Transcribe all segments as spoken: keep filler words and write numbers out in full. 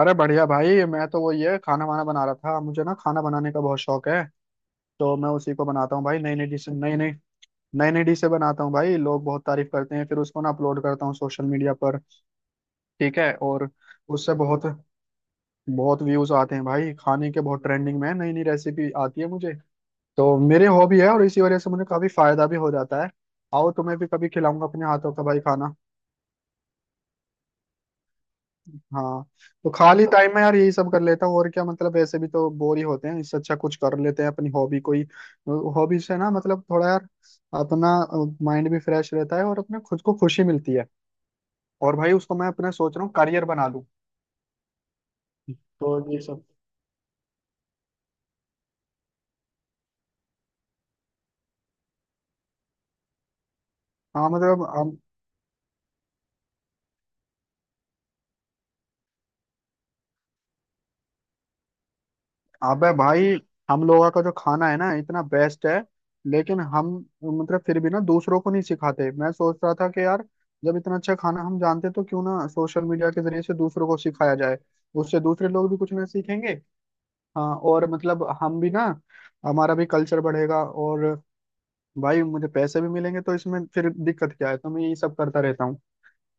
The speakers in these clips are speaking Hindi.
अरे बढ़िया भाई। मैं तो वो ये खाना वाना बना रहा था। मुझे ना खाना बनाने का बहुत शौक है। तो मैं उसी को बनाता हूँ भाई। नई नई डिश नई नई नई नई डिशें बनाता हूँ भाई। लोग बहुत तारीफ करते हैं, फिर उसको ना अपलोड करता हूँ सोशल मीडिया पर। ठीक है। और उससे बहुत बहुत व्यूज आते हैं भाई। खाने के बहुत ट्रेंडिंग में है, नई नई रेसिपी आती है मुझे। तो मेरी हॉबी है और इसी वजह से मुझे काफी फायदा भी हो जाता है। आओ, तुम्हें भी कभी खिलाऊंगा अपने हाथों का भाई खाना। हाँ। तो खाली टाइम में यार यही सब कर लेता हूँ और क्या, मतलब ऐसे भी तो बोर ही होते हैं, इससे अच्छा कुछ कर लेते हैं अपनी हॉबी कोई। हॉबी से ना मतलब थोड़ा यार, अपना माइंड भी फ्रेश रहता है और अपने खुद को खुशी मिलती है। और भाई उसको मैं अपना सोच रहा हूँ करियर बना लूँ। तो ये सब। हाँ मतलब, अबे भाई, हम लोगों का जो खाना है ना इतना बेस्ट है। लेकिन हम मतलब फिर भी ना दूसरों को नहीं सिखाते। मैं सोच रहा था कि यार जब इतना अच्छा खाना हम जानते तो क्यों ना सोशल मीडिया के जरिए से दूसरों को सिखाया जाए। उससे दूसरे लोग भी कुछ ना सीखेंगे। हाँ, और मतलब हम भी ना, हमारा भी कल्चर बढ़ेगा। और भाई मुझे पैसे भी मिलेंगे, तो इसमें फिर दिक्कत क्या है। तो मैं यही सब करता रहता हूँ।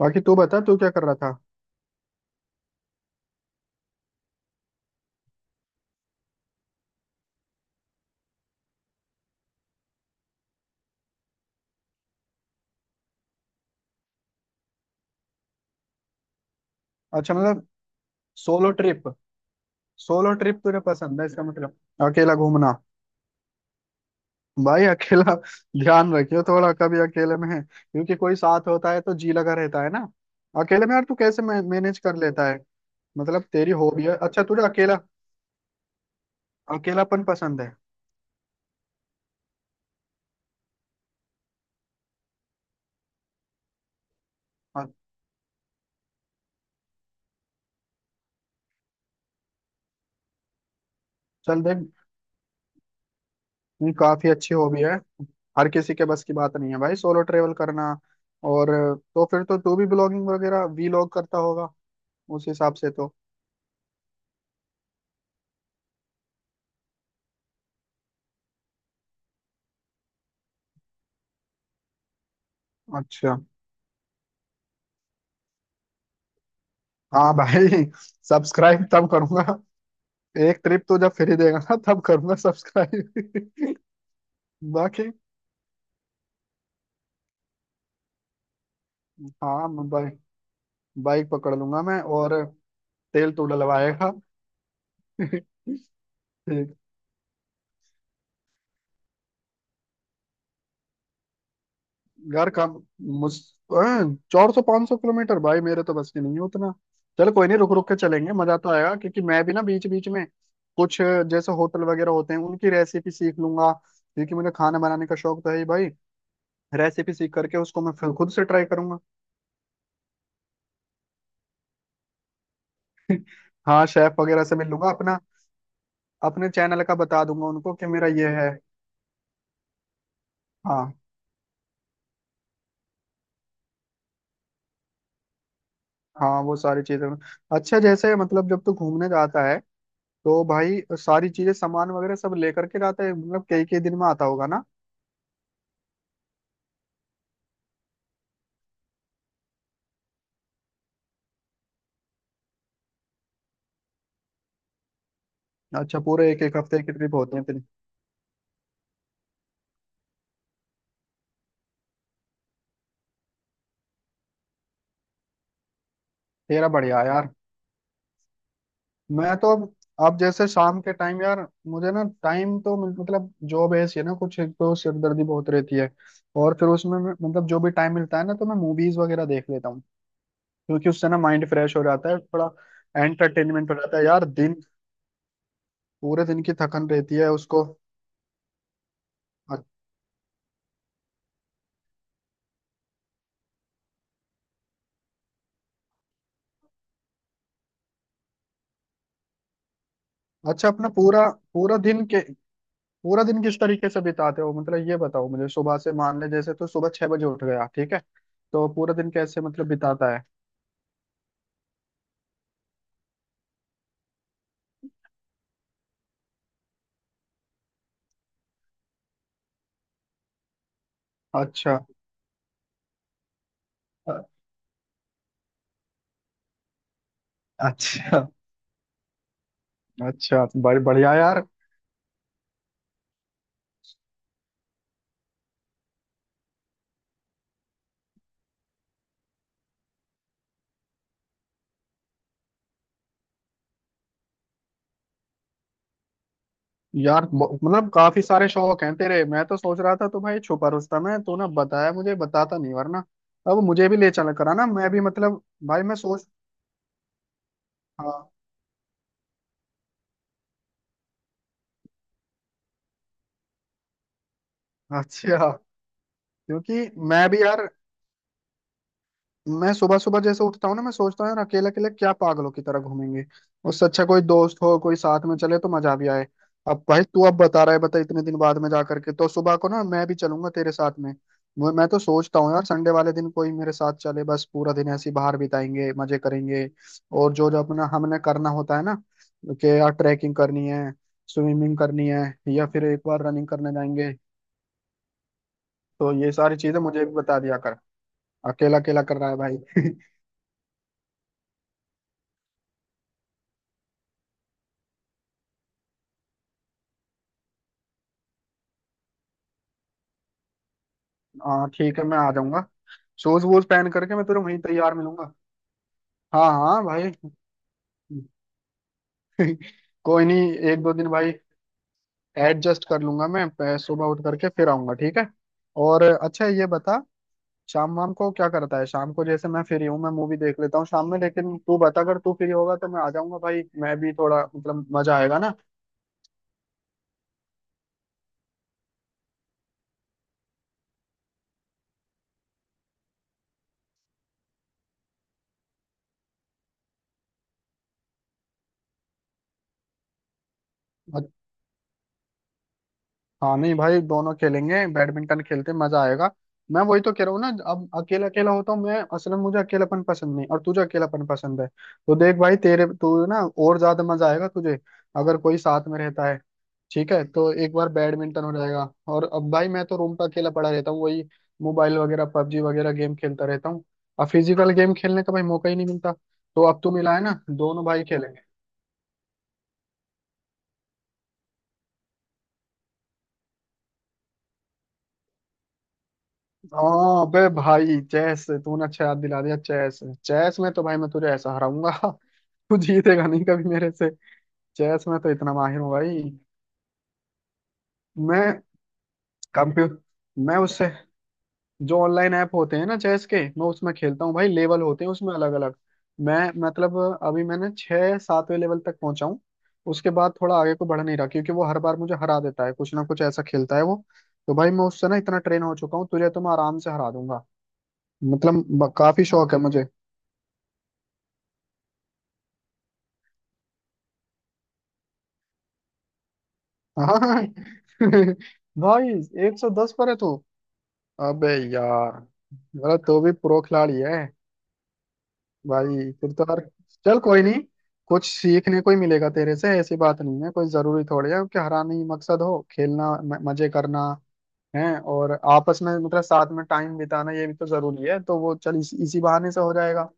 बाकी तू बता, तू क्या कर रहा था। अच्छा, मतलब सोलो ट्रिप सोलो ट्रिप तुझे पसंद है इसका मतलब, अकेला घूमना। भाई अकेला ध्यान रखियो थोड़ा कभी अकेले में, क्योंकि कोई साथ होता है तो जी लगा रहता है ना। अकेले में यार तू कैसे मैनेज कर लेता है। मतलब तेरी हॉबी है। अच्छा, तुझे अकेला अकेलापन पसंद है। हाँ, चल देख, ये काफी अच्छी हॉबी है। हर किसी के बस की बात नहीं है भाई, सोलो ट्रेवल करना। और तो फिर तो तू भी ब्लॉगिंग वगैरह वीलॉग करता होगा उस हिसाब से तो। अच्छा। हाँ भाई, सब्सक्राइब तब करूंगा, एक ट्रिप तू जब फ्री देगा ना तब करूंगा सब्सक्राइब। बाकी हाँ, मैं बाइक बाइक पकड़ लूंगा मैं। और तेल तो डलवाएगा। यार काम मुझ अं, चार सौ पाँच सौ किलोमीटर भाई मेरे तो बस की नहीं है उतना। चल कोई नहीं, रुक रुक के चलेंगे, मजा तो आएगा, क्योंकि मैं भी ना बीच बीच में कुछ जैसे होटल वगैरह होते हैं उनकी रेसिपी सीख लूंगा। क्योंकि मुझे खाना बनाने का शौक तो है ही भाई। रेसिपी सीख करके उसको मैं फिर खुद से ट्राई करूंगा। हाँ, शेफ वगैरह से मिल लूंगा। अपना अपने चैनल का बता दूंगा उनको कि मेरा ये है। हाँ हाँ, वो सारी चीजें। अच्छा, जैसे मतलब जब तू घूमने जाता है तो भाई सारी चीजें, सामान वगैरह सब लेकर के जाता है। मतलब कई कई दिन में आता होगा ना। अच्छा, पूरे एक एक हफ्ते की ट्रिप होती है तेरी। तेरा बढ़िया है यार। मैं तो अब जैसे शाम के टाइम यार मुझे ना टाइम तो, मतलब जॉब ऐसी है ना, कुछ एक तो सिरदर्दी बहुत रहती है। और फिर उसमें मैं- मतलब जो भी टाइम मिलता है ना, तो मैं मूवीज वगैरह देख लेता हूँ, क्योंकि उससे ना माइंड फ्रेश हो जाता है थोड़ा। एंटरटेनमेंट हो जाता है यार दिन, पूरे दिन की थकन रहती है उसको। अ- अच्छा, अपना पूरा पूरा दिन के पूरा दिन किस तरीके से बिताते हो, मतलब ये बताओ मुझे। सुबह से मान ले जैसे, तो सुबह छह बजे उठ गया, ठीक है, तो पूरा दिन कैसे मतलब बिताता है। अच्छा अ- अच्छा अच्छा, बड़ी बढ़िया यार। यार ब- मतलब काफी सारे शौक हैं तेरे। मैं तो सोच रहा था तो भाई, छुपा रुस्तम है, तूने बताया मुझे, बताता नहीं वरना। अब मुझे भी ले चला करा ना, मैं भी मतलब। भाई मैं सोच। हाँ, अच्छा, क्योंकि मैं भी यार, मैं सुबह सुबह जैसे उठता हूँ ना, मैं सोचता हूँ यार अकेले अकेले क्या पागलों की तरह घूमेंगे। उससे अच्छा कोई दोस्त हो, कोई साथ में चले, तो मजा भी आए। अब भाई तू अब बता रहा है, बता इतने दिन बाद में जा करके, तो सुबह को ना मैं भी चलूंगा तेरे साथ में। मैं मैं तो सोचता हूँ यार संडे वाले दिन कोई मेरे साथ चले, बस पूरा दिन ऐसे ही बाहर बिताएंगे, मजे करेंगे। और जो जो अपना हमने करना होता है ना कि यार ट्रैकिंग करनी है, स्विमिंग करनी है, या फिर एक बार रनिंग करने जाएंगे। तो ये सारी चीजें मुझे भी बता दिया कर। अकेला अकेला कर रहा है भाई। हाँ ठीक है, मैं आ जाऊंगा। शूज वूज पहन करके मैं तुझे वहीं तैयार मिलूंगा। हाँ हाँ भाई। कोई नहीं, एक दो दिन भाई एडजस्ट कर लूंगा मैं। प- सुबह उठ करके फिर आऊंगा, ठीक है। और अच्छा ये बता, शाम वाम को क्या करता है। शाम को जैसे मैं फ्री हूँ मैं मूवी देख लेता हूँ शाम में, लेकिन तू बता, अगर तू फ्री होगा तो मैं आ जाऊंगा भाई, मैं भी थोड़ा, मतलब मजा आएगा ना। हाँ नहीं भाई, दोनों खेलेंगे, बैडमिंटन खेलते हैं, मजा आएगा। मैं वही तो कह रहा हूँ ना, अब अकेला अकेला होता हूँ मैं असल में, मुझे अकेलापन पसंद नहीं, और तुझे अकेलापन पसंद है, तो देख भाई तेरे, तू ना और ज्यादा मजा आएगा तुझे अगर कोई साथ में रहता है, ठीक है। तो एक बार बैडमिंटन हो जाएगा, और अब भाई मैं तो रूम पर अकेला पड़ा रहता हूँ, वही मोबाइल वगैरह पबजी वगैरह गेम खेलता रहता हूँ। अब फिजिकल गेम खेलने का भाई मौका ही नहीं मिलता, तो अब तू मिला है ना, दोनों भाई खेलेंगे। हाँ बे भाई, चेस तूने अच्छा याद दिला दिया, चेस। चेस में तो भाई मैं तुझे ऐसा हराऊंगा। तू जीतेगा नहीं कभी मेरे से। चेस में तो इतना माहिर हूँ भाई। मैं कंप्यूटर मैं उससे जो ऑनलाइन ऐप होते हैं ना चेस के, मैं उसमें खेलता हूँ भाई। लेवल होते हैं उसमें अलग अलग। मैं मतलब, अभी मैंने छः सातवें लेवल तक पहुंचा हूँ। उसके बाद थोड़ा आगे को बढ़ नहीं रहा, क्योंकि वो हर बार मुझे हरा देता है, कुछ ना कुछ ऐसा खेलता है वो। तो भाई मैं उससे ना इतना ट्रेन हो चुका हूँ, तुझे तो मैं आराम से हरा दूंगा। मतलब ब- काफी शौक है मुझे। हाँ भाई, एक सौ दस पर है तू। अबे यार, मतलब तो भी प्रो खिलाड़ी है। भाई फिर तो यार, चल कोई नहीं, कुछ सीखने को ही मिलेगा तेरे से। ऐसी बात नहीं है, कोई जरूरी थोड़ी है कि हराना ही मकसद हो, खेलना म- मजे करना है। और आपस में मतलब साथ में टाइम बिताना ये भी तो जरूरी है, तो वो चल इस, इसी बहाने से हो जाएगा।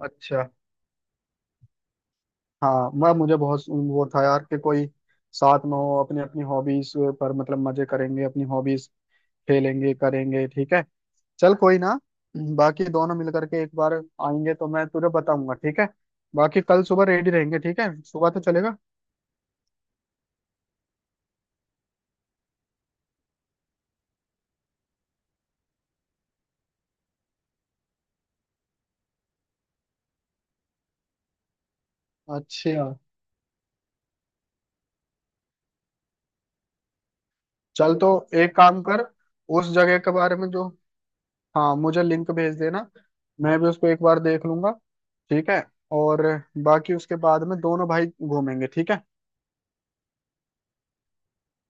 अच्छा हाँ, मैं, मुझे बहुत वो था यार कि कोई साथ में हो, अपनी अपनी हॉबीज पर, मतलब मजे करेंगे, अपनी हॉबीज खेलेंगे करेंगे, ठीक है। चल कोई ना, बाकी दोनों मिल करके एक बार आएंगे तो मैं तुझे बताऊंगा, ठीक है। बाकी कल सुबह रेडी रहेंगे ठीक है, सुबह तो चलेगा। अच्छा, चल तो एक काम कर, उस जगह के बारे में जो, हाँ मुझे लिंक भेज देना, मैं भी उसको एक बार देख लूंगा, ठीक है। और बाकी उसके बाद में दोनों भाई घूमेंगे, ठीक है।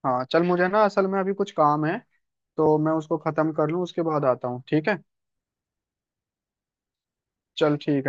हाँ चल, मुझे ना असल में अभी कुछ काम है, तो मैं उसको खत्म कर लूँ, उसके बाद आता हूँ, ठीक है। चल ठीक है।